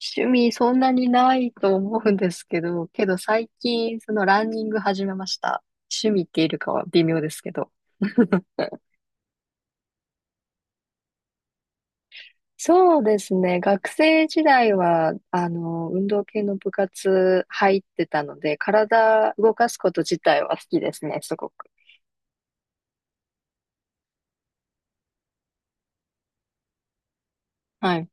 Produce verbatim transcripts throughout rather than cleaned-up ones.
趣味そんなにないと思うんですけど、けど最近そのランニング始めました。趣味っているかは微妙ですけど。そうですね。学生時代は、あの、運動系の部活入ってたので、体動かすこと自体は好きですね、すごく。はい。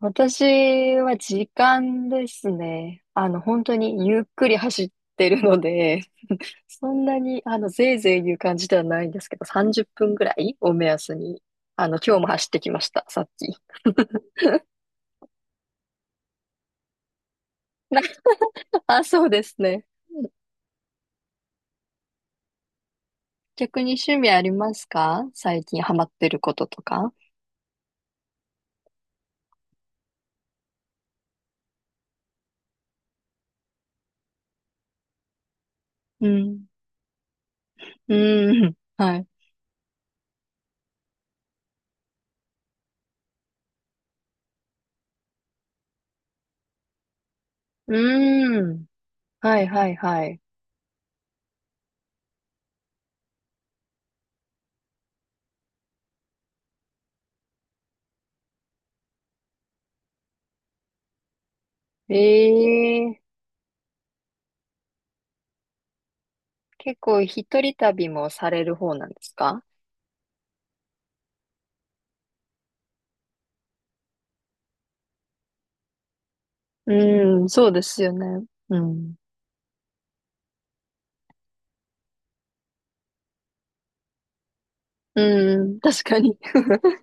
私は時間ですね。あの、本当にゆっくり走ってるので、そんなに、あの、ぜいぜい言う感じではないんですけど、さんじゅっぷんぐらいを目安に、あの、今日も走ってきました、さっき。あ、そうですね。逆に趣味ありますか？最近ハマってることとか。うん。うん。はい。うん。はいはいはい。ええ。結構一人旅もされる方なんですか？うん、そうですよね。うん。うん、確かに。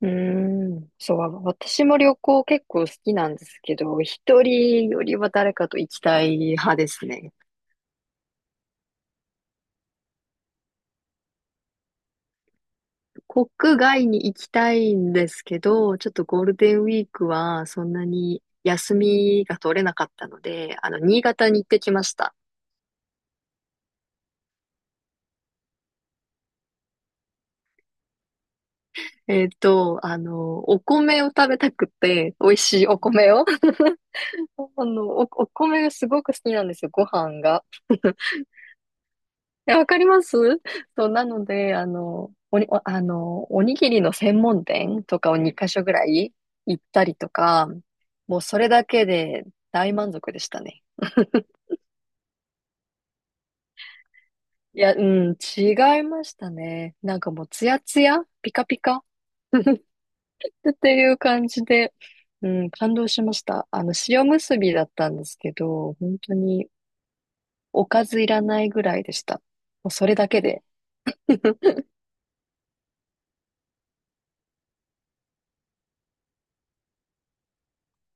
うーん。そう、私も旅行結構好きなんですけど、一人よりは誰かと行きたい派ですね。国外に行きたいんですけど、ちょっとゴールデンウィークはそんなに休みが取れなかったので、あの、新潟に行ってきました。えっと、あの、お米を食べたくて、美味しいお米を。あの、お、お米がすごく好きなんですよ、ご飯が。え、わかります？そう、なので、あの、おに、おあの、おにぎりの専門店とかをにかしょカ所ぐらい行ったりとか、もうそれだけで大満足でしたね。いや、うん、違いましたね。なんかもうツヤツヤ、ピカピカ っていう感じで、うん、感動しました。あの、塩結びだったんですけど、本当におかずいらないぐらいでした。もうそれだけで。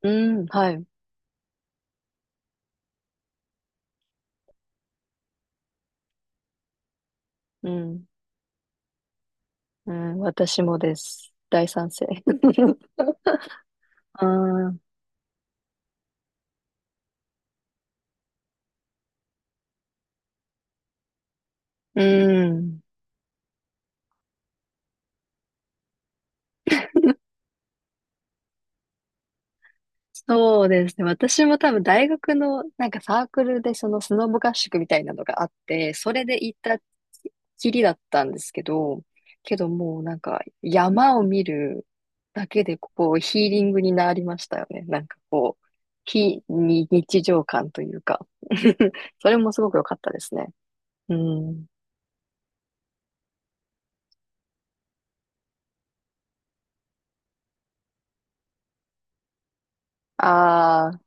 うん、はい。うん。うん、私もです。大賛成。ああ、うん。そうですね。私も多分大学のなんかサークルでそのスノボ合宿みたいなのがあって、それで行ったきりだったんですけど、けどもうなんか山を見るだけでこうヒーリングになりましたよね。なんかこう、非に日常感というか それもすごく良かったですね。うん。ああ。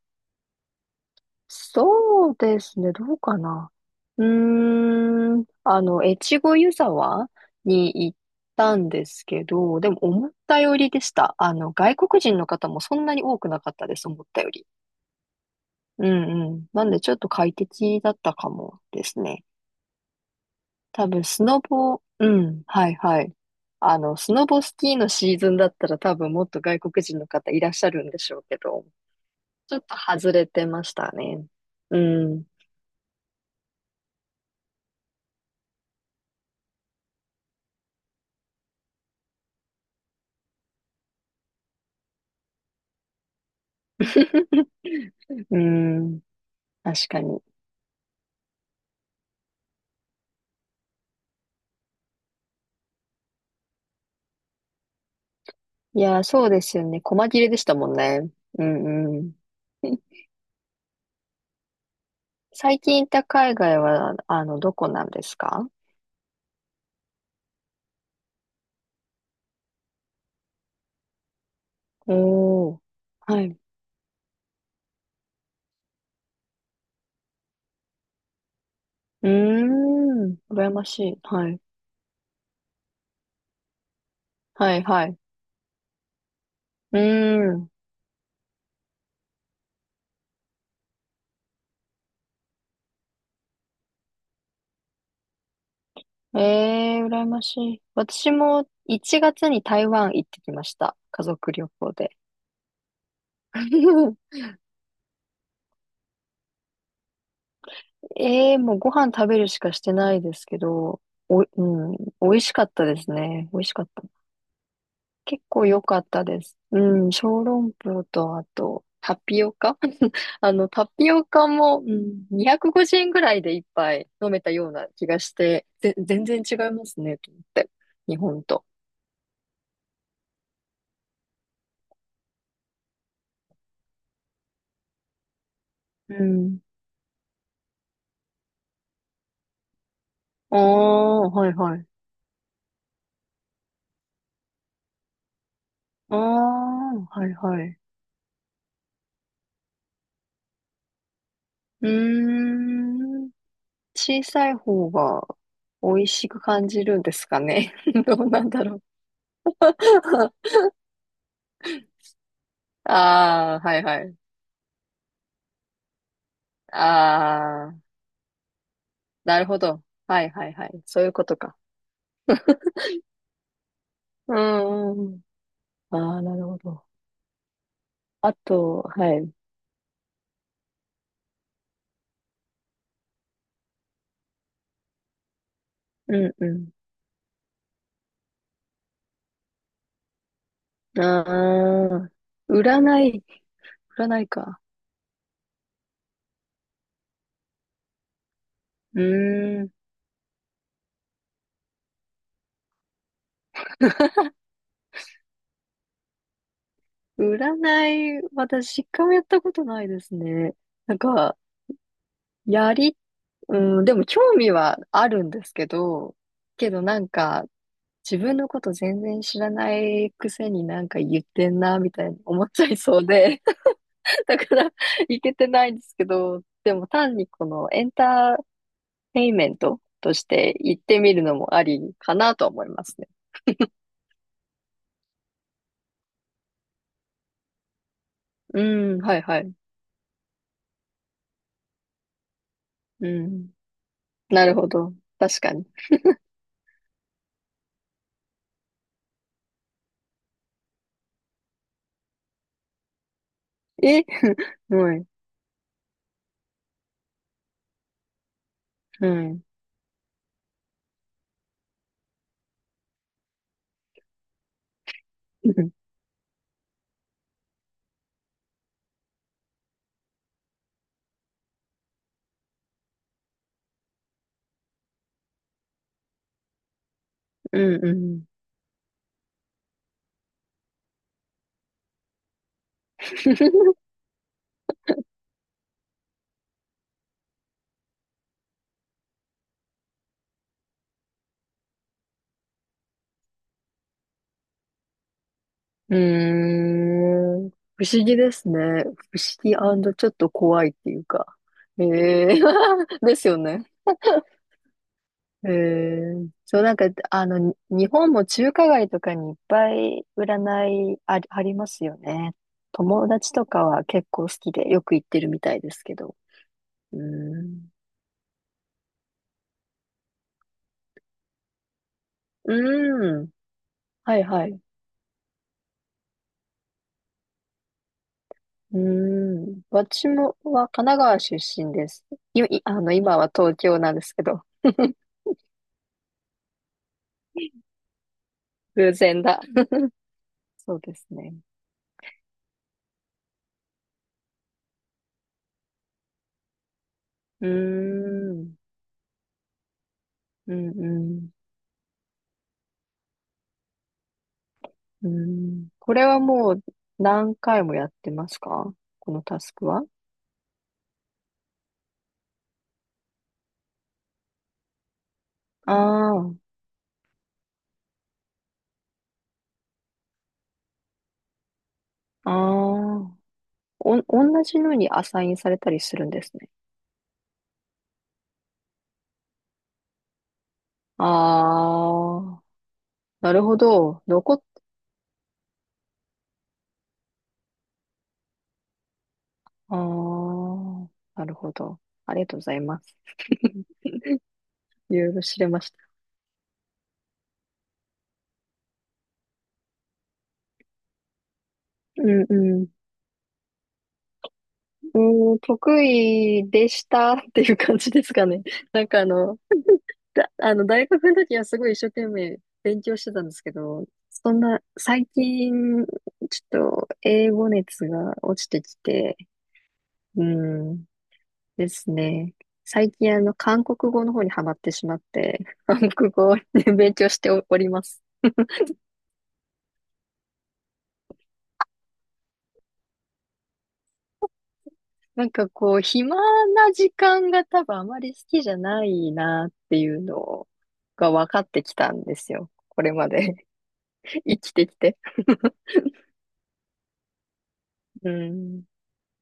そうですね。どうかな。うーん。あの、越後湯沢に行ったんですけど、でも思ったよりでした。あの、外国人の方もそんなに多くなかったです、思ったより。うんうん。なんでちょっと快適だったかもですね。多分、スノボ、うん、はいはい。あの、スノボスキーのシーズンだったら多分もっと外国人の方いらっしゃるんでしょうけど、ちょっと外れてましたね。うん。うん。確かに。いやー、そうですよね。細切れでしたもんね。うんうん。最近行った海外は、あの、どこなんですか？おー。はい。うーん。羨ましい。はい。はい、はい。うーん。えー、羨ましい。私もいちがつに台湾行ってきました。家族旅行で。えー、もうご飯食べるしかしてないですけど、お、うん、美味しかったですね。美味しかった。結構良かったです。うん、小籠包と、あと、タピオカ あの、タピオカも、うん、にひゃくごじゅうえんぐらいで一杯飲めたような気がして、ぜ、全然違いますね、と思って。日本と。うん。ああ、はいはい。ああ、はいはい。うーん。小さい方が美味しく感じるんですかね。どうなんだろう。ああ、はいはい。ああ。なるほど。はいはいはい。そういうことか。うんうんうん。ああ、なるほど。あと、はい。うんうん。ああ、占い、占いか。うーん。占い、私、一回もやったことないですね。なんか、やり、うん、でも興味はあるんですけど、けどなんか、自分のこと全然知らないくせになんか言ってんな、みたいに思っちゃいそうで。だから行けてないんですけど、でも単にこのエンターテインメントとして行ってみるのもありかなと思いますね。うん、はいはい。うん。なるほど。確かに。え はい。うん。うんうん。うーん。不思議ですね。不思議ちょっと怖いっていうか。ええ ですよね。うーん。そう、なんか、あの、に日本も中華街とかにいっぱい占いあり、ありますよね。友達とかは結構好きでよく行ってるみたいですけど。うーん。うーん。はいはい。うーん。私もは神奈川出身です。い、いあの、今は東京なんですけど。偶然だ。そうですね。うーん。うんうん。うん。これはもう何回もやってますか？このタスクは？ああ、ああ。お、同じのにアサインされたりするんですね。ああ、なるほど。残っ、ああ、なるほど。ありがとうございます。いろいろ知れました。うんうん。うん、得意でしたっていう感じですかね。なんかあの、だ、あの、大学の時はすごい一生懸命勉強してたんですけど、そんな、最近、ちょっと英語熱が落ちてきて、うん。ですね。最近あの、韓国語の方にハマってしまって、韓国語で勉強しております。なんかこう、暇な時間が多分あまり好きじゃないなっていうのが分かってきたんですよ。これまで 生きてきて。うん。